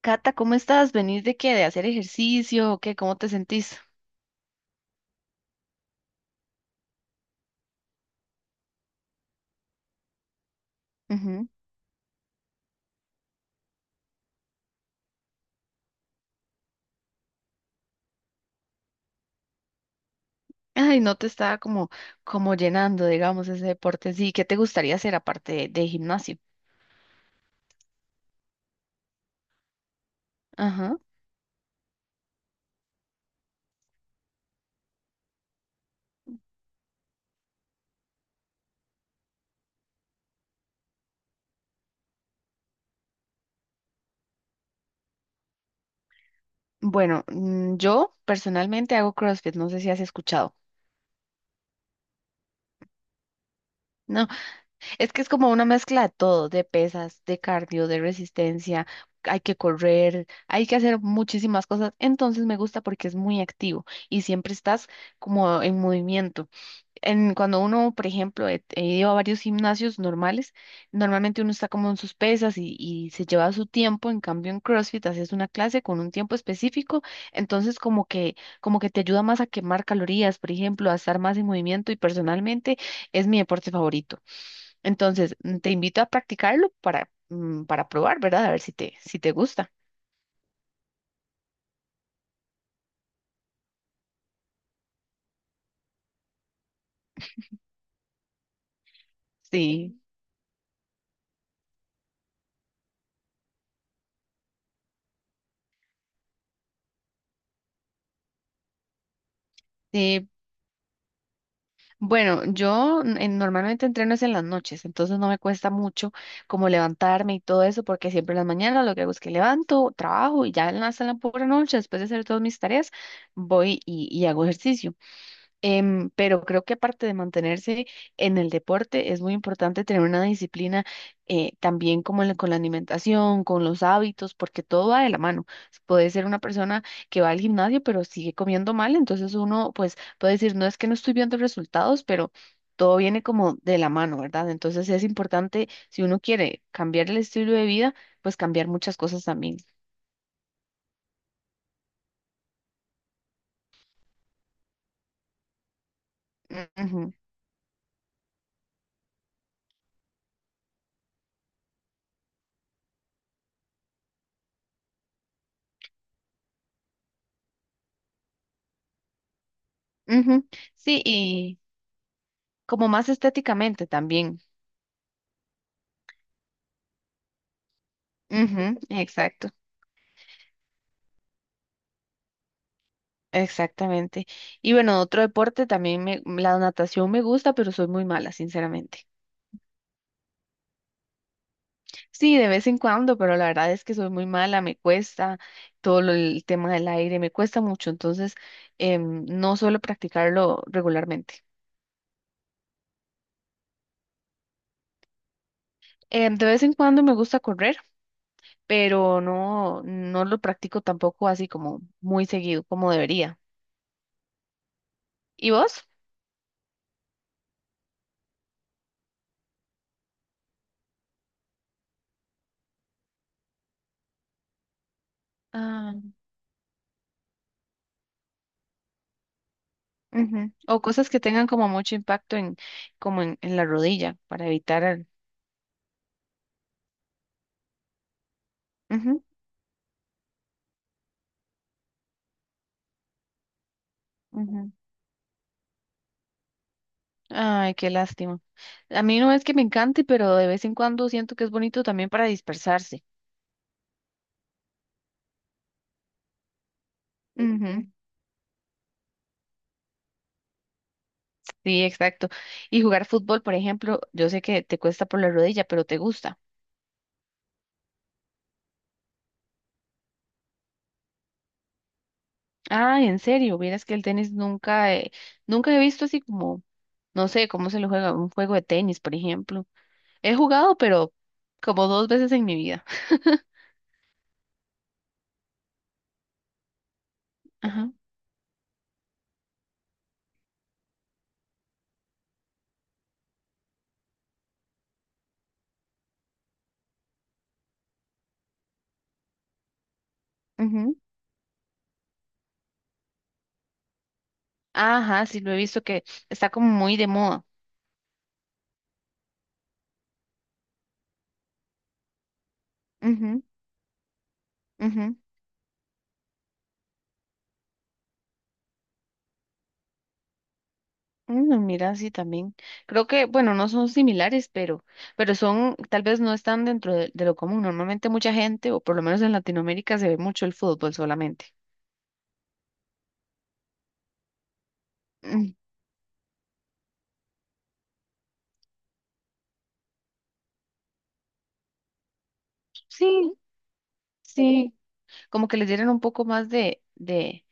Cata, ¿cómo estás? ¿Venís de qué? ¿De hacer ejercicio o qué? ¿Cómo te sentís? Ujú. Ay, no te estaba como, como llenando, digamos, ese deporte. Sí, ¿qué te gustaría hacer aparte de gimnasio? Ajá. Bueno, yo personalmente hago CrossFit, no sé si has escuchado. No, es que es como una mezcla de todo, de pesas, de cardio, de resistencia, hay que correr, hay que hacer muchísimas cosas. Entonces me gusta porque es muy activo y siempre estás como en movimiento. Cuando uno, por ejemplo, he ido a varios gimnasios normales, normalmente uno está como en sus pesas y se lleva su tiempo, en cambio en CrossFit haces una clase con un tiempo específico, entonces como que te ayuda más a quemar calorías, por ejemplo, a estar más en movimiento y personalmente es mi deporte favorito. Entonces, te invito a practicarlo para, para probar, ¿verdad? A ver si te gusta. Sí. Sí, bueno, normalmente entreno es en las noches, entonces no me cuesta mucho como levantarme y todo eso, porque siempre en las mañanas lo que hago es que levanto, trabajo y ya hasta la pura noche, después de hacer todas mis tareas, voy y hago ejercicio. Pero creo que aparte de mantenerse en el deporte, es muy importante tener una disciplina también como con la alimentación, con los hábitos, porque todo va de la mano. Puede ser una persona que va al gimnasio, pero sigue comiendo mal, entonces uno pues puede decir, no es que no estoy viendo resultados, pero todo viene como de la mano, ¿verdad? Entonces es importante, si uno quiere cambiar el estilo de vida, pues cambiar muchas cosas también. Ujú, ujú. Sí, y como más estéticamente también. Ujú, exacto, exactamente. Y bueno, otro deporte también me, la natación me gusta, pero soy muy mala, sinceramente. Sí, de vez en cuando, pero la verdad es que soy muy mala, me cuesta el tema del aire, me cuesta mucho, entonces no suelo practicarlo regularmente. De vez en cuando me gusta correr, pero no, no lo practico tampoco así como muy seguido, como debería. ¿Y vos? Ujú. O cosas que tengan como mucho impacto en, como en la rodilla, para evitar Ujú, ujú. Ay, qué lástima. A mí no es que me encante, pero de vez en cuando siento que es bonito también para dispersarse. Ujú. Sí, exacto. Y jugar fútbol, por ejemplo, yo sé que te cuesta por la rodilla, pero te gusta. Ah, en serio, vieras que el tenis nunca, nunca he visto así como, no sé, cómo se lo juega, un juego de tenis, por ejemplo. He jugado, pero como dos veces en mi vida. Ajá. Ajá, sí, lo he visto que está como muy de moda. Ujú, ujú. Mm, mira, sí, también. Creo que, bueno, no son similares, pero son, tal vez no están dentro de lo común. Normalmente mucha gente, o por lo menos en Latinoamérica, se ve mucho el fútbol solamente. Mm. Sí, sí. Como que les dieran un poco más de, de,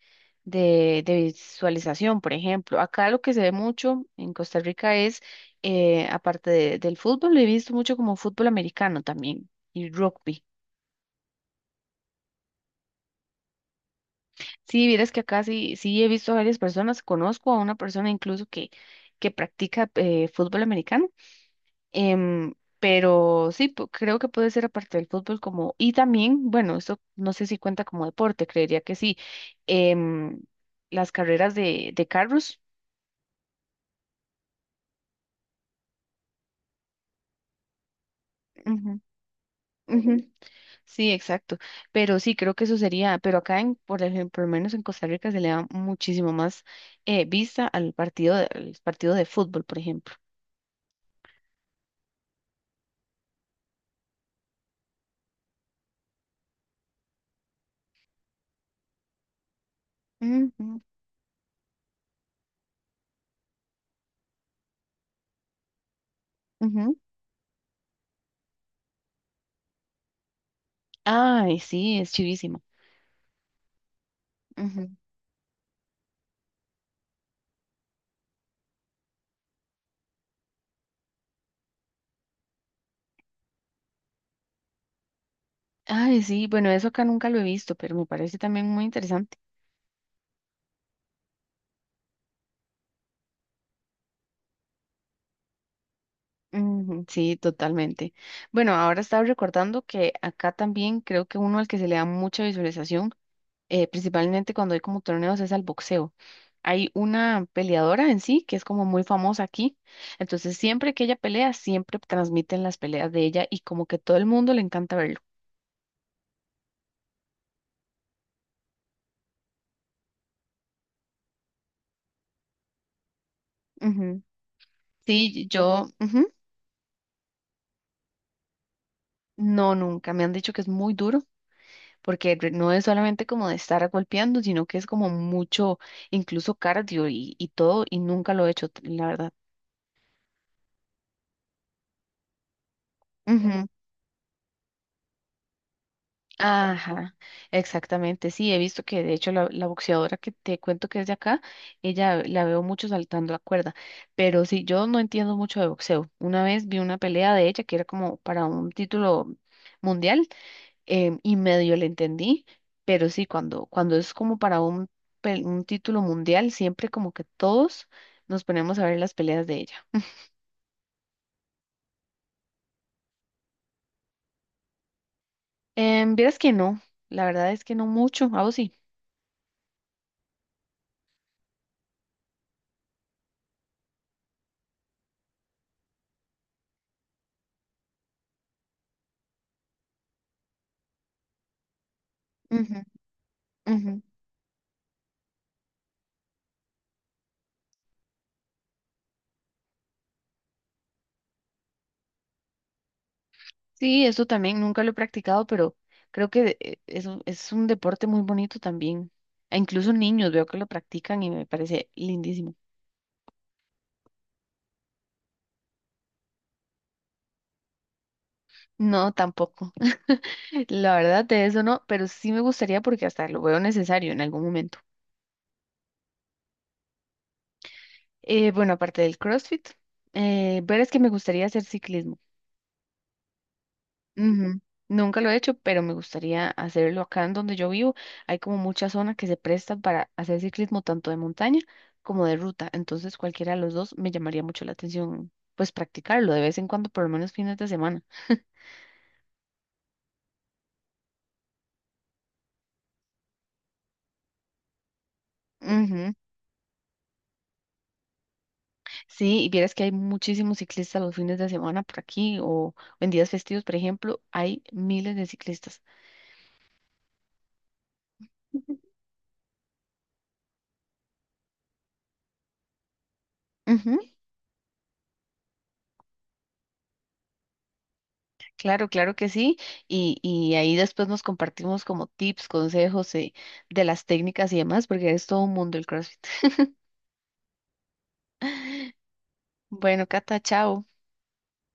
de, de visualización, por ejemplo. Acá lo que se ve mucho en Costa Rica es, aparte del fútbol, lo he visto mucho como fútbol americano también y rugby. Sí, vieras que acá sí, sí he visto a varias personas, conozco a una persona incluso que practica fútbol americano, pero sí, creo que puede ser aparte del fútbol como, y también, bueno, esto no sé si cuenta como deporte, creería que sí, em, las carreras de carros. Ujú, ujú, sí, exacto, pero sí, creo que eso sería, pero acá en, por ejemplo, por lo menos en Costa Rica se le da muchísimo más vista al partido, al partido de fútbol, por ejemplo. Ujú, ujú. Ay, sí, es chivísimo. Ujú. Ay, sí, bueno, eso acá nunca lo he visto, pero me parece también muy interesante. Ujú, sí, totalmente. Bueno, ahora estaba recordando que acá también creo que uno al que se le da mucha visualización, principalmente cuando hay como torneos, es al boxeo. Hay una peleadora en sí que es como muy famosa aquí, entonces siempre que ella pelea, siempre transmiten las peleas de ella y como que todo el mundo le encanta verlo. Ujú. Sí, yo, ujú. No, nunca. Me han dicho que es muy duro, porque no es solamente como de estar golpeando, sino que es como mucho, incluso cardio y todo, y nunca lo he hecho, la verdad. Ujú, ajá, exactamente, sí, he visto que de hecho la boxeadora que te cuento que es de acá, ella la veo mucho saltando la cuerda, pero sí, yo no entiendo mucho de boxeo. Una vez vi una pelea de ella que era como para un título mundial, y medio le entendí, pero sí, cuando es como para un, un título mundial, siempre como que todos nos ponemos a ver las peleas de ella. Vieras que no, la verdad es que no mucho, a vos sí. Ujú, ujú. Sí, eso también nunca lo he practicado, pero creo que es un deporte muy bonito también. E incluso niños veo que lo practican y me parece lindísimo. No, tampoco. La verdad de eso no, pero sí me gustaría porque hasta lo veo necesario en algún momento. Bueno, aparte del CrossFit, ver es que me gustaría hacer ciclismo. Ujú. Nunca lo he hecho, pero me gustaría hacerlo acá en donde yo vivo. Hay como muchas zonas que se prestan para hacer ciclismo tanto de montaña como de ruta. Entonces, cualquiera de los dos me llamaría mucho la atención, pues practicarlo de vez en cuando, por lo menos fines de semana. Ujú. Sí, y vieras que hay muchísimos ciclistas los fines de semana por aquí o en días festivos, por ejemplo, hay miles de ciclistas. Ujú. Claro, claro que sí. Y ahí después nos compartimos como tips, consejos, de las técnicas y demás, porque es todo un mundo el CrossFit. Bueno, Cata, chao.